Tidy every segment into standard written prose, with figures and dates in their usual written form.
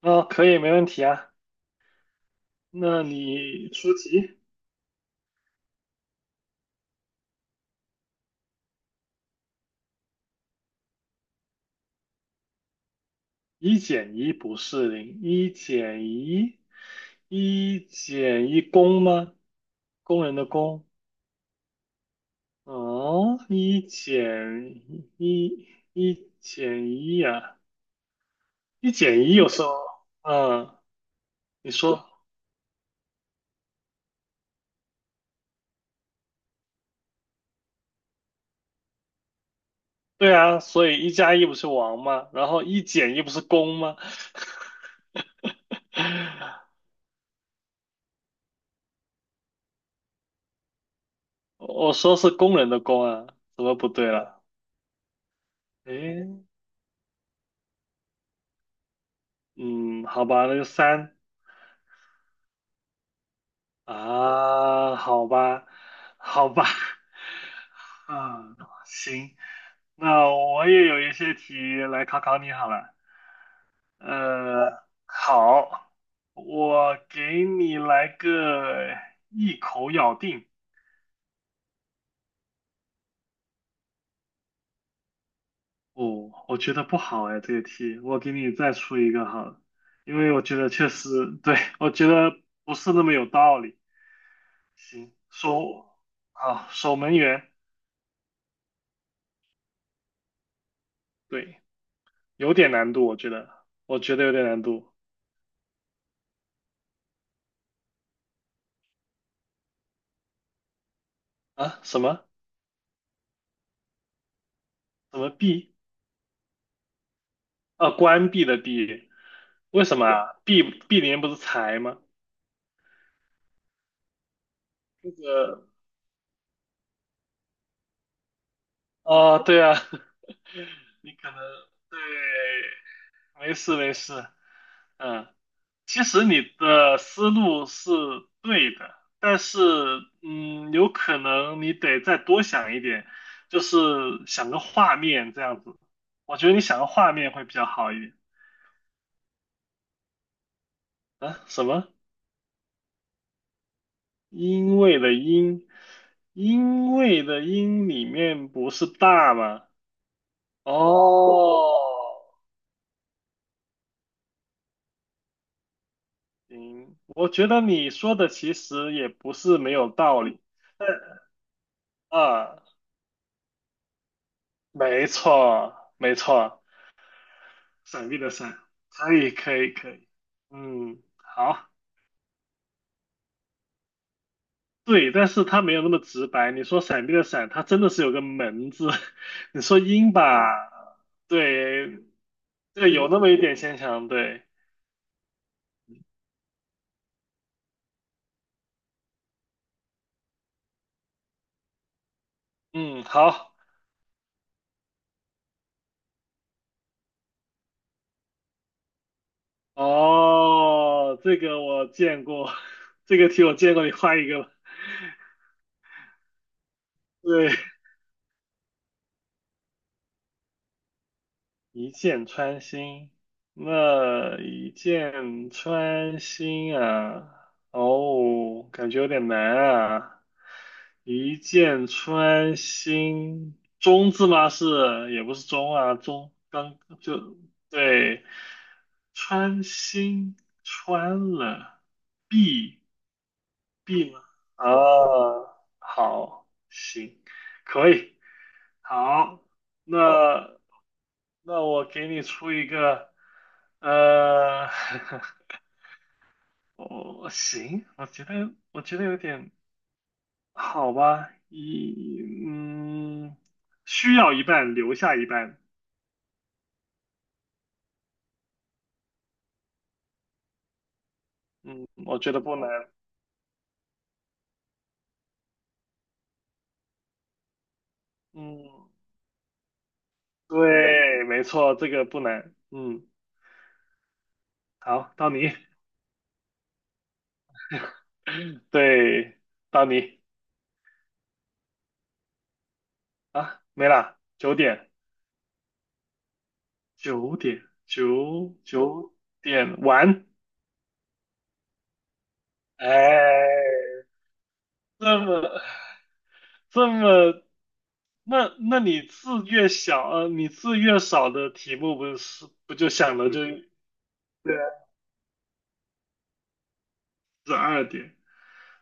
啊，可以，没问题啊。那你出题，一减一不是零，一减一，一减一工吗？工人的工。哦，一减一，一减一呀、一减一有时候，嗯，你说对啊，所以一加一不是王吗？然后一减一不是工吗？我说是工人的工啊，怎么不对了？诶，嗯，好吧，那就三。啊，好吧，好吧，嗯，行，那我也有一些题来考考你好了。好，我给你来个一口咬定。哦，我觉得不好哎，这个题，我给你再出一个好了，因为我觉得确实，对，我觉得不是那么有道理。行，守，啊，守门员，对，有点难度，我觉得，我觉得有点难度。啊，什么什么币？啊，关闭的闭？为什么对啊？闭联不是财吗？这个哦，对啊，你可能对，没事没事，嗯，其实你的思路是对的，但是有可能你得再多想一点，就是想个画面这样子。我觉得你想个画面会比较好一点。啊，什么？因为的因，因为的因里面不是大吗？哦，行，我觉得你说的其实也不是没有道理。嗯啊，没错，没错，闪避的闪，可以，可以，可以。嗯，好，对，但是它没有那么直白。你说闪避的闪，它真的是有个门字。你说鹰吧，对，对，有那么一点牵强。对，嗯，好。哦，这个我见过，这个题我见过，你画一个吧对，一箭穿心，那一箭穿心啊，哦，感觉有点难啊。一箭穿心，中字吗？是，也不是中啊，中刚就对，穿心穿了，必。B 吗？啊，好，行，可以，好，那那我给你出一个，呃，我行，我觉得有点好吧，一嗯，需要一半，留下一半，嗯，我觉得不能，嗯，对，没错，这个不能，嗯，好，到你，对，到你啊，没了，九点。九点九九点完，哎，这么这么，那你字越小，你字越少的题目不是不就想的就对啊十二点？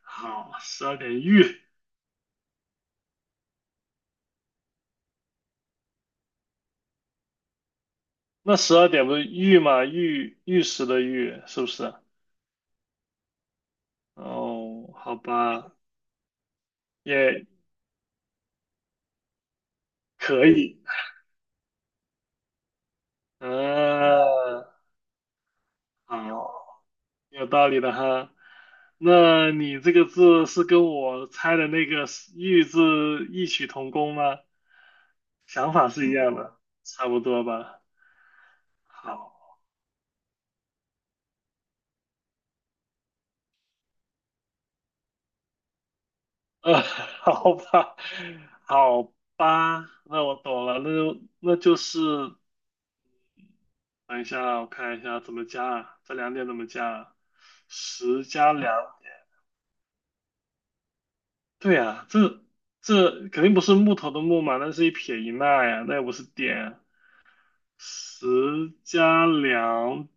好，十二点玉，那十二点不是玉嘛，玉玉石的玉是不是？哦，好吧，也可以，嗯、好。有道理的哈。那你这个字是跟我猜的那个玉字异曲同工吗？想法是一样的，差不多吧。好，好吧，好吧，那我懂了，那就是，等一下，我看一下怎么加啊，这两点怎么加啊？十加两，对呀，这肯定不是木头的木嘛，那是一撇一捺呀，那也不是点啊十加两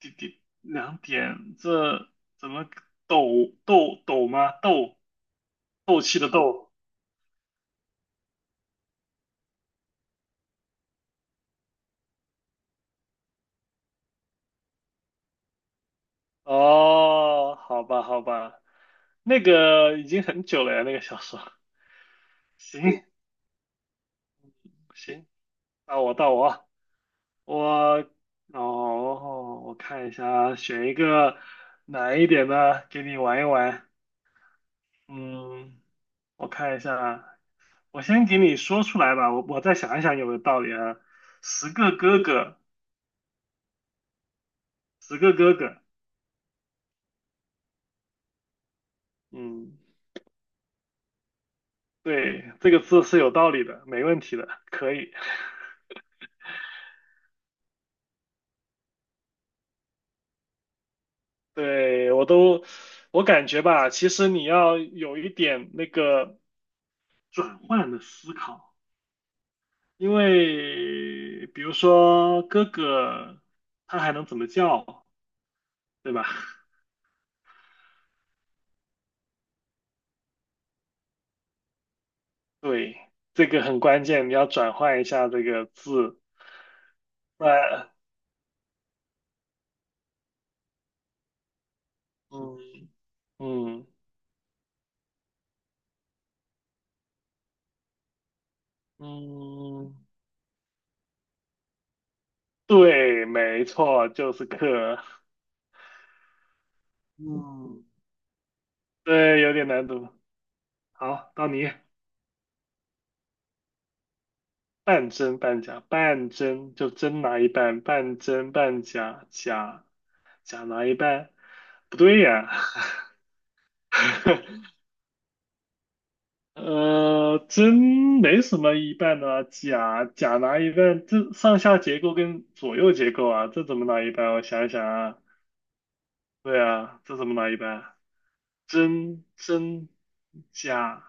点，滴两点，这怎么斗斗斗吗？斗斗气的斗。哦，好吧，好吧，那个已经很久了呀，那个小说。行行，到我啊我哦，我看一下啊选一个难一点的给你玩一玩。嗯，我看一下啊。我先给你说出来吧，我再想一想有没有道理啊。十个哥哥，十个哥哥，嗯，对，这个字是有道理的，没问题的，可以。对，我都，我感觉吧，其实你要有一点那个转换的思考，因为比如说哥哥，他还能怎么叫，对吧？对，这个很关键，你要转换一下这个字，不然嗯嗯。嗯，对，没错，就是克。嗯，对，有点难度。好，到你，半真半假，半真就真拿一半，半真半假，假假拿一半。不对呀，真没什么一半的啊假假拿一半，这上下结构跟左右结构啊，这怎么拿一半？我想一想啊，对啊，这怎么拿一半？真真假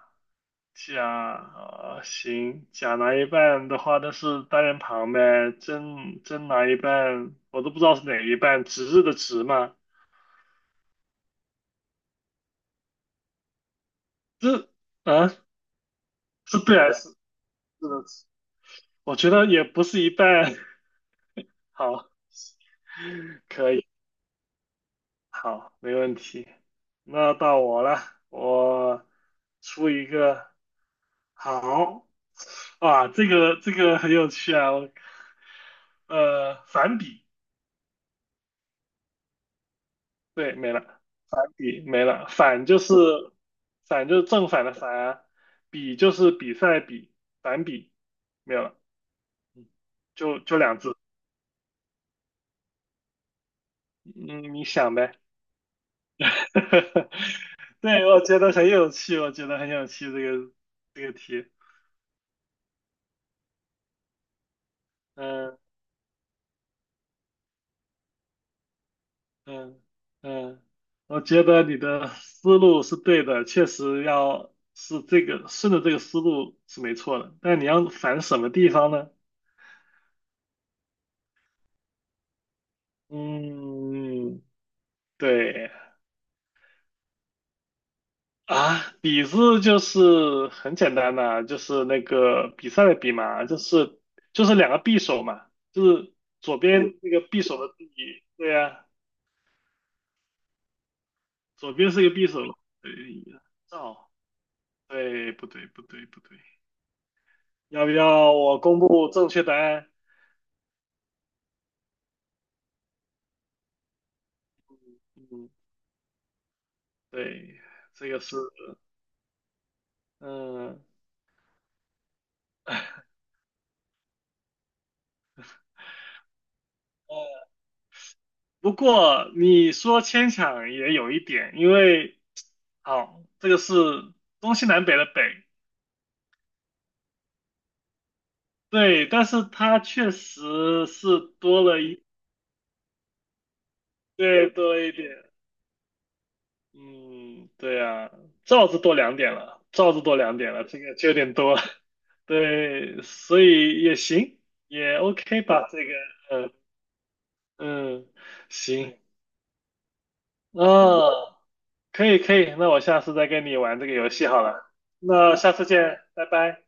假啊、行，假拿一半的话，那是单人旁呗。真真拿一半，我都不知道是哪一半，值日的值嘛？这啊，是对还是是的值？我觉得也不是一半。好，可以，好，没问题。那到我了，我出一个好哇，这个很有趣啊，我反比，对，没了，反比没了，反就是正反的反啊，比就是比赛的比，反比没有了，就两字，嗯，你想呗。对，我觉得很有趣，这个这个题，嗯嗯嗯，我觉得你的思路是对的，确实要是这个顺着这个思路是没错的，但你要反什么地方呢？嗯。对啊，比字就是很简单的，就是那个比赛的比嘛，就是两个匕首嘛，就是左边那个匕首的匕，对呀、左边是一个匕首，对，照，对，不对，不对，不对，要不要我公布正确答案？嗯，对，这个是，嗯。哎呃不过你说牵强也有一点，因为好，这个是东西南北的北，对，但是它确实是多了一，对，多了一点，嗯，对啊，罩子多两点了，罩子多两点了，这个就有点多了 对，所以也行，也 OK 吧，这个，嗯嗯，行，啊，可以可以，那我下次再跟你玩这个游戏好了，那下次见，拜拜。